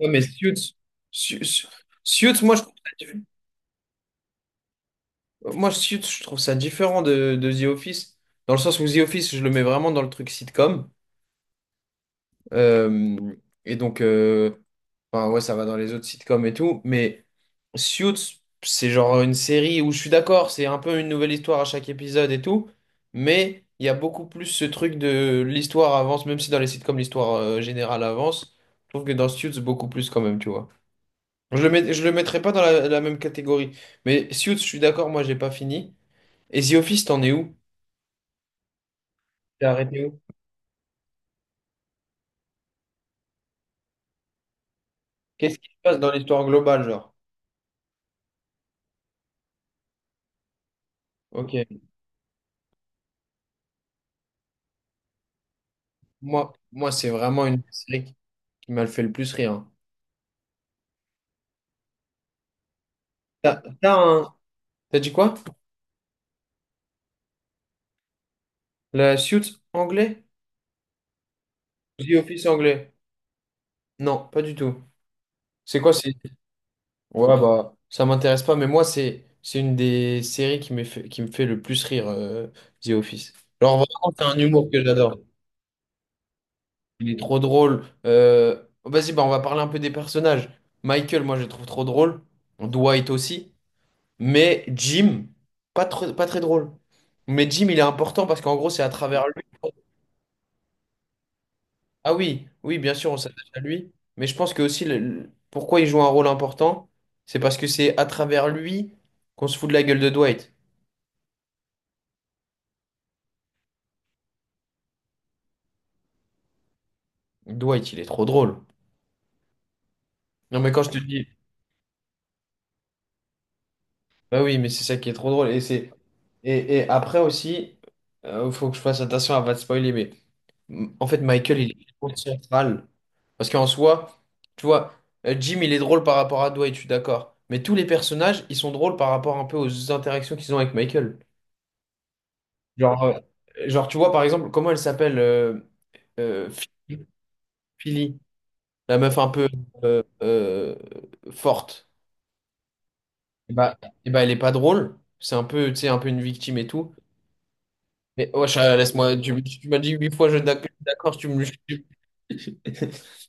Ouais, mais Suits, Su- Su- Suits, moi je trouve ça, moi, Suits, je trouve ça différent de The Office, dans le sens où The Office, je le mets vraiment dans le truc sitcom. Euh, et donc, euh, ouais, ça va dans les autres sitcoms et tout, mais Suits, c'est genre une série où je suis d'accord, c'est un peu une nouvelle histoire à chaque épisode et tout, mais il y a beaucoup plus ce truc de l'histoire avance, même si dans les sitcoms, l'histoire générale avance, je trouve que dans Suits, beaucoup plus quand même, tu vois. Je le mettrais pas dans la même catégorie. Mais Suits, je suis d'accord, moi j'ai pas fini. Et The Office, t'en es où? T'es arrêté où? Qu'est-ce qui se passe dans l'histoire globale, genre? Ok. Moi c'est vraiment une série qui m'a fait le plus rire, hein. T'as, t'as un... T'as dit quoi? La Suits anglais? The Office anglais? Non, pas du tout. C'est quoi, Ouais, bah, ça m'intéresse pas, mais moi, c'est une des séries qui me fait le plus rire, The Office. Genre, vraiment, c'est un humour que j'adore. Il est trop drôle. Vas-y, bah, on va parler un peu des personnages. Michael, moi, je le trouve trop drôle. Dwight aussi. Mais Jim, pas très drôle. Mais Jim, il est important parce qu'en gros, c'est à travers lui. Ah oui, oui, bien sûr, on s'attache à lui. Mais je pense que aussi, pourquoi il joue un rôle important, c'est parce que c'est à travers lui qu'on se fout de la gueule de Dwight. Dwight, il est trop drôle. Non, mais quand je te dis, bah oui, mais c'est ça qui est trop drôle. Et après aussi, il faut que je fasse attention à pas te spoiler, mais. En fait, Michael, il est trop central. Parce qu'en soi, tu vois, Jim, il est drôle par rapport à Dwight, je suis d'accord. Mais tous les personnages, ils sont drôles par rapport un peu aux interactions qu'ils ont avec Michael. Genre, euh, Tu vois, par exemple, comment elle s'appelle euh, Philly, Philly, la meuf un peu euh, euh, forte. Et bah, et bah, elle est pas drôle. C'est un peu, tu sais, un peu une victime et tout. Mais wesh, laisse-moi, tu m'as dit huit fois je suis d'accord,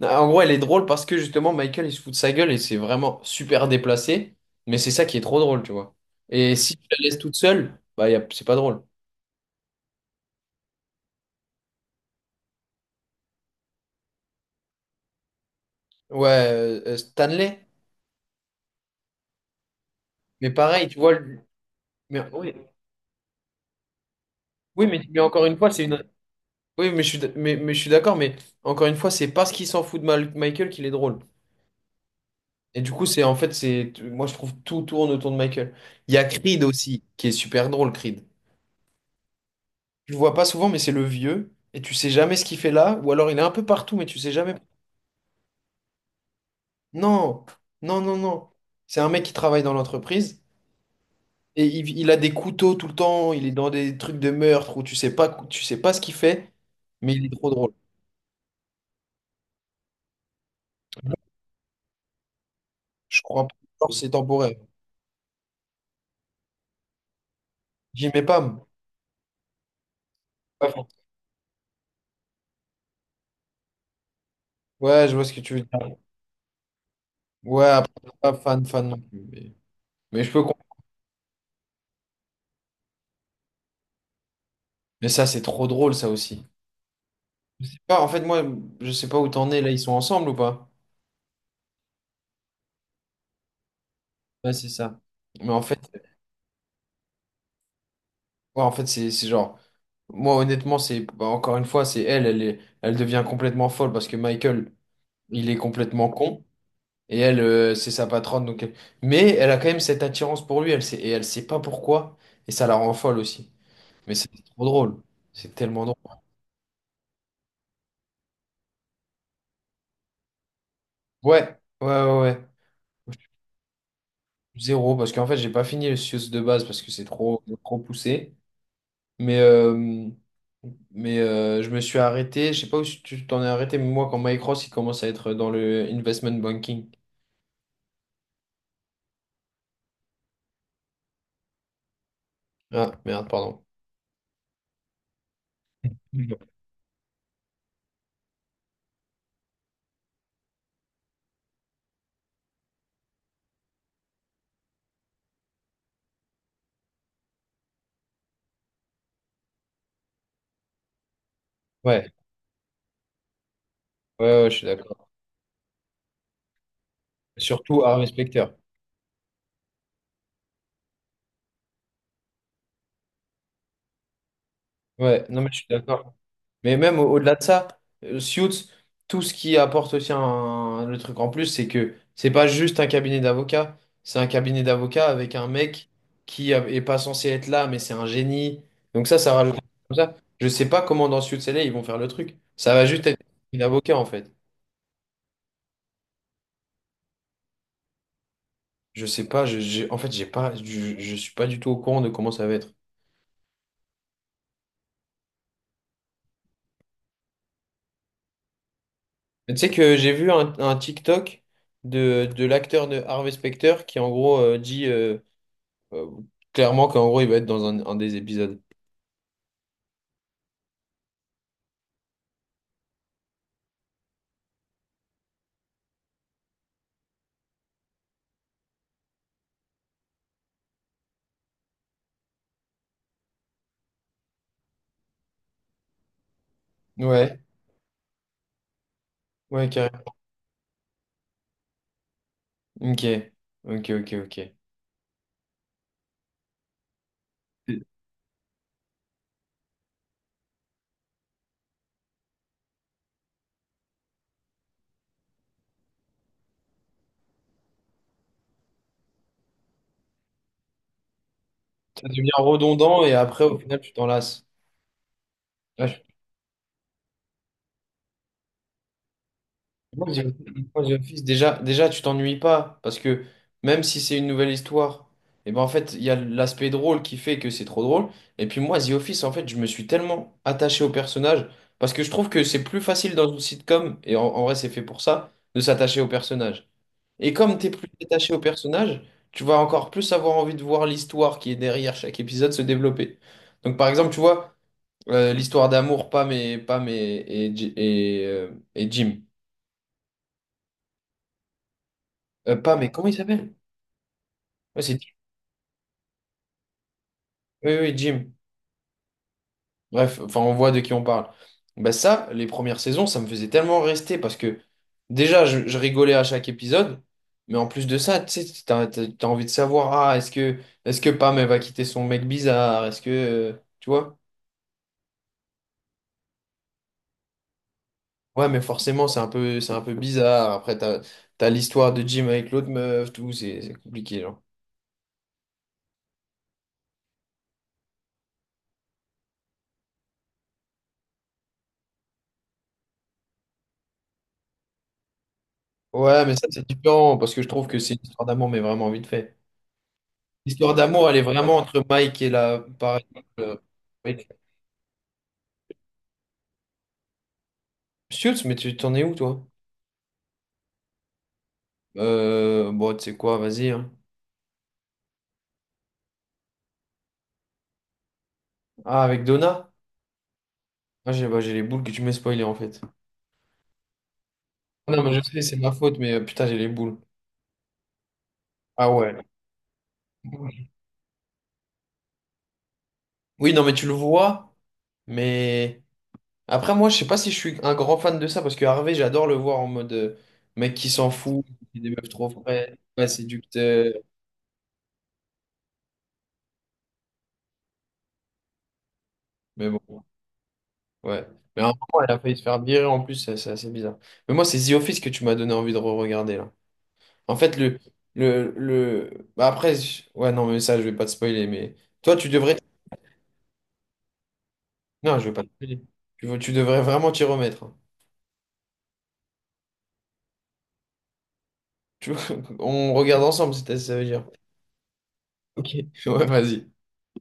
Non, en gros, elle est drôle parce que justement, Michael, il se fout de sa gueule et c'est vraiment super déplacé, mais c'est ça qui est trop drôle, tu vois. Et si tu la laisses toute seule, bah, c'est pas drôle. Ouais, Stanley, mais pareil, tu vois, oui, oui, mais encore une fois, Oui, mais je suis, mais je suis d'accord, mais encore une fois, c'est parce qu'il s'en fout de Michael qu'il est drôle. Et du coup, c'est moi, je trouve tout tourne autour de Michael. Il y a Creed aussi, qui est super drôle, Creed. Tu le vois pas souvent, mais c'est le vieux, et tu sais jamais ce qu'il fait là, ou alors il est un peu partout, mais tu sais jamais. Non, non. C'est un mec qui travaille dans l'entreprise, et il a des couteaux tout le temps, il est dans des trucs de meurtre, où tu sais pas ce qu'il fait, mais il est trop drôle. Je crois pas que c'est temporaire. J'y mets pas, moi. Pas fan. Ouais, je vois ce que tu veux dire. Ouais, après, pas fan, fan non plus. Mais je peux comprendre. Mais ça, c'est trop drôle, ça aussi. Je sais pas, en fait, moi, je sais pas où t'en es. Là, ils sont ensemble ou pas? Ouais, c'est ça. Mais en fait, Ouais, en fait, C'est genre, moi honnêtement, c'est bah, encore une fois, c'est elle, elle devient complètement folle parce que Michael, il est complètement con et elle, c'est sa patronne, donc mais elle a quand même cette attirance pour lui, elle sait, et elle sait pas pourquoi et ça la rend folle aussi. Mais c'est trop drôle, c'est tellement drôle. Ouais, ouais, ouais, ouais. Zéro parce qu'en fait, j'ai pas fini le Sius de base parce que c'est trop, trop poussé. Mais, euh, je me suis arrêté. Je sais pas où si tu t'en es arrêté, mais moi, quand Mike Ross, il commence à être dans le investment banking. Ah, merde, pardon. Mhm. Ouais, ouais, ouais, je suis d'accord. Surtout à Specter. Ouais, non, mais je suis d'accord. Mais même au-delà de ça, Suits, tout ce qui apporte aussi un, le truc en plus, c'est que c'est pas juste un cabinet d'avocats, c'est un cabinet d'avocats avec un mec est pas censé être là, mais c'est un génie. Donc ça rajoute comme ça. Je sais pas comment dans Suits LA ils vont faire le truc. Ça va juste être un avocat en fait. Je sais pas, je, j'ai- en fait, j'ai pas, Je suis pas du tout au courant de comment ça va être. Mais tu sais que j'ai vu un TikTok de l'acteur de Harvey Specter qui en gros dit. Euh, clairement qu'en gros, il va être dans un des épisodes. Ouais, ouais, carrément. Ok, ok. Ça devient redondant et après, au final, tu t'en lasses. Là, je- moi, The Moi, The Office, déjà, déjà, tu t'ennuies pas parce que même si c'est une nouvelle histoire, et ben en fait, il y a l'aspect drôle qui fait que c'est trop drôle. Et puis moi, The Office, en fait, je me suis tellement attaché au personnage parce que je trouve que c'est plus facile dans une sitcom, et en vrai, c'est fait pour ça, de s'attacher au personnage. Et comme tu es plus détaché au personnage, tu vas encore plus avoir envie de voir l'histoire qui est derrière chaque épisode se développer. Donc par exemple, tu vois, l'histoire d'amour, Pam et, Pam et, Ji- et Jim. Pam mais comment il s'appelle? Ouais, c'est Jim. Oui, oui, Jim. Bref, enfin on voit de qui on parle. Bah ça, les premières saisons, ça me faisait tellement rester parce que déjà, je rigolais à chaque épisode. Mais en plus de ça, tu sais, t'as envie de savoir, ah, est-ce que Pam, elle va quitter son mec bizarre? Est-ce que, tu vois? Ouais, mais forcément, c'est un peu bizarre. Après, t'as l'histoire de Jim avec l'autre meuf, tout, c'est compliqué, genre. Ouais, mais ça, c'est différent, parce que je trouve que c'est une histoire d'amour, mais vraiment vite fait. L'histoire d'amour, elle est vraiment entre Mike et la, par exemple, avec Schultz, mais tu t'en es où, toi? Bon, tu sais quoi, vas-y, hein. Ah, avec Donna? Ah, j'ai bah, j'ai les boules que tu m'as spoilé, en fait. Ah non, mais je sais, c'est ma faute, mais putain, j'ai les boules. Ah ouais. Oui, non, mais tu le vois, mais. Après, moi, je sais pas si je suis un grand fan de ça, parce que Harvey, j'adore le voir en mode mec qui s'en fout, qui des meufs trop frais, pas séducteur. Mais bon, ouais. Mais à un moment, elle a failli se faire virer en plus, c'est assez bizarre. Mais moi, c'est The Office que tu m'as donné envie de re-regarder là. En fait, le. Le... bah, après, je- Ouais, non, mais ça, je vais pas te spoiler, mais toi, tu devrais. Non, je vais pas te spoiler. Tu devrais vraiment t'y remettre, hein. Tu... On regarde ensemble, ça veut dire. Ok. Ouais, vas-y.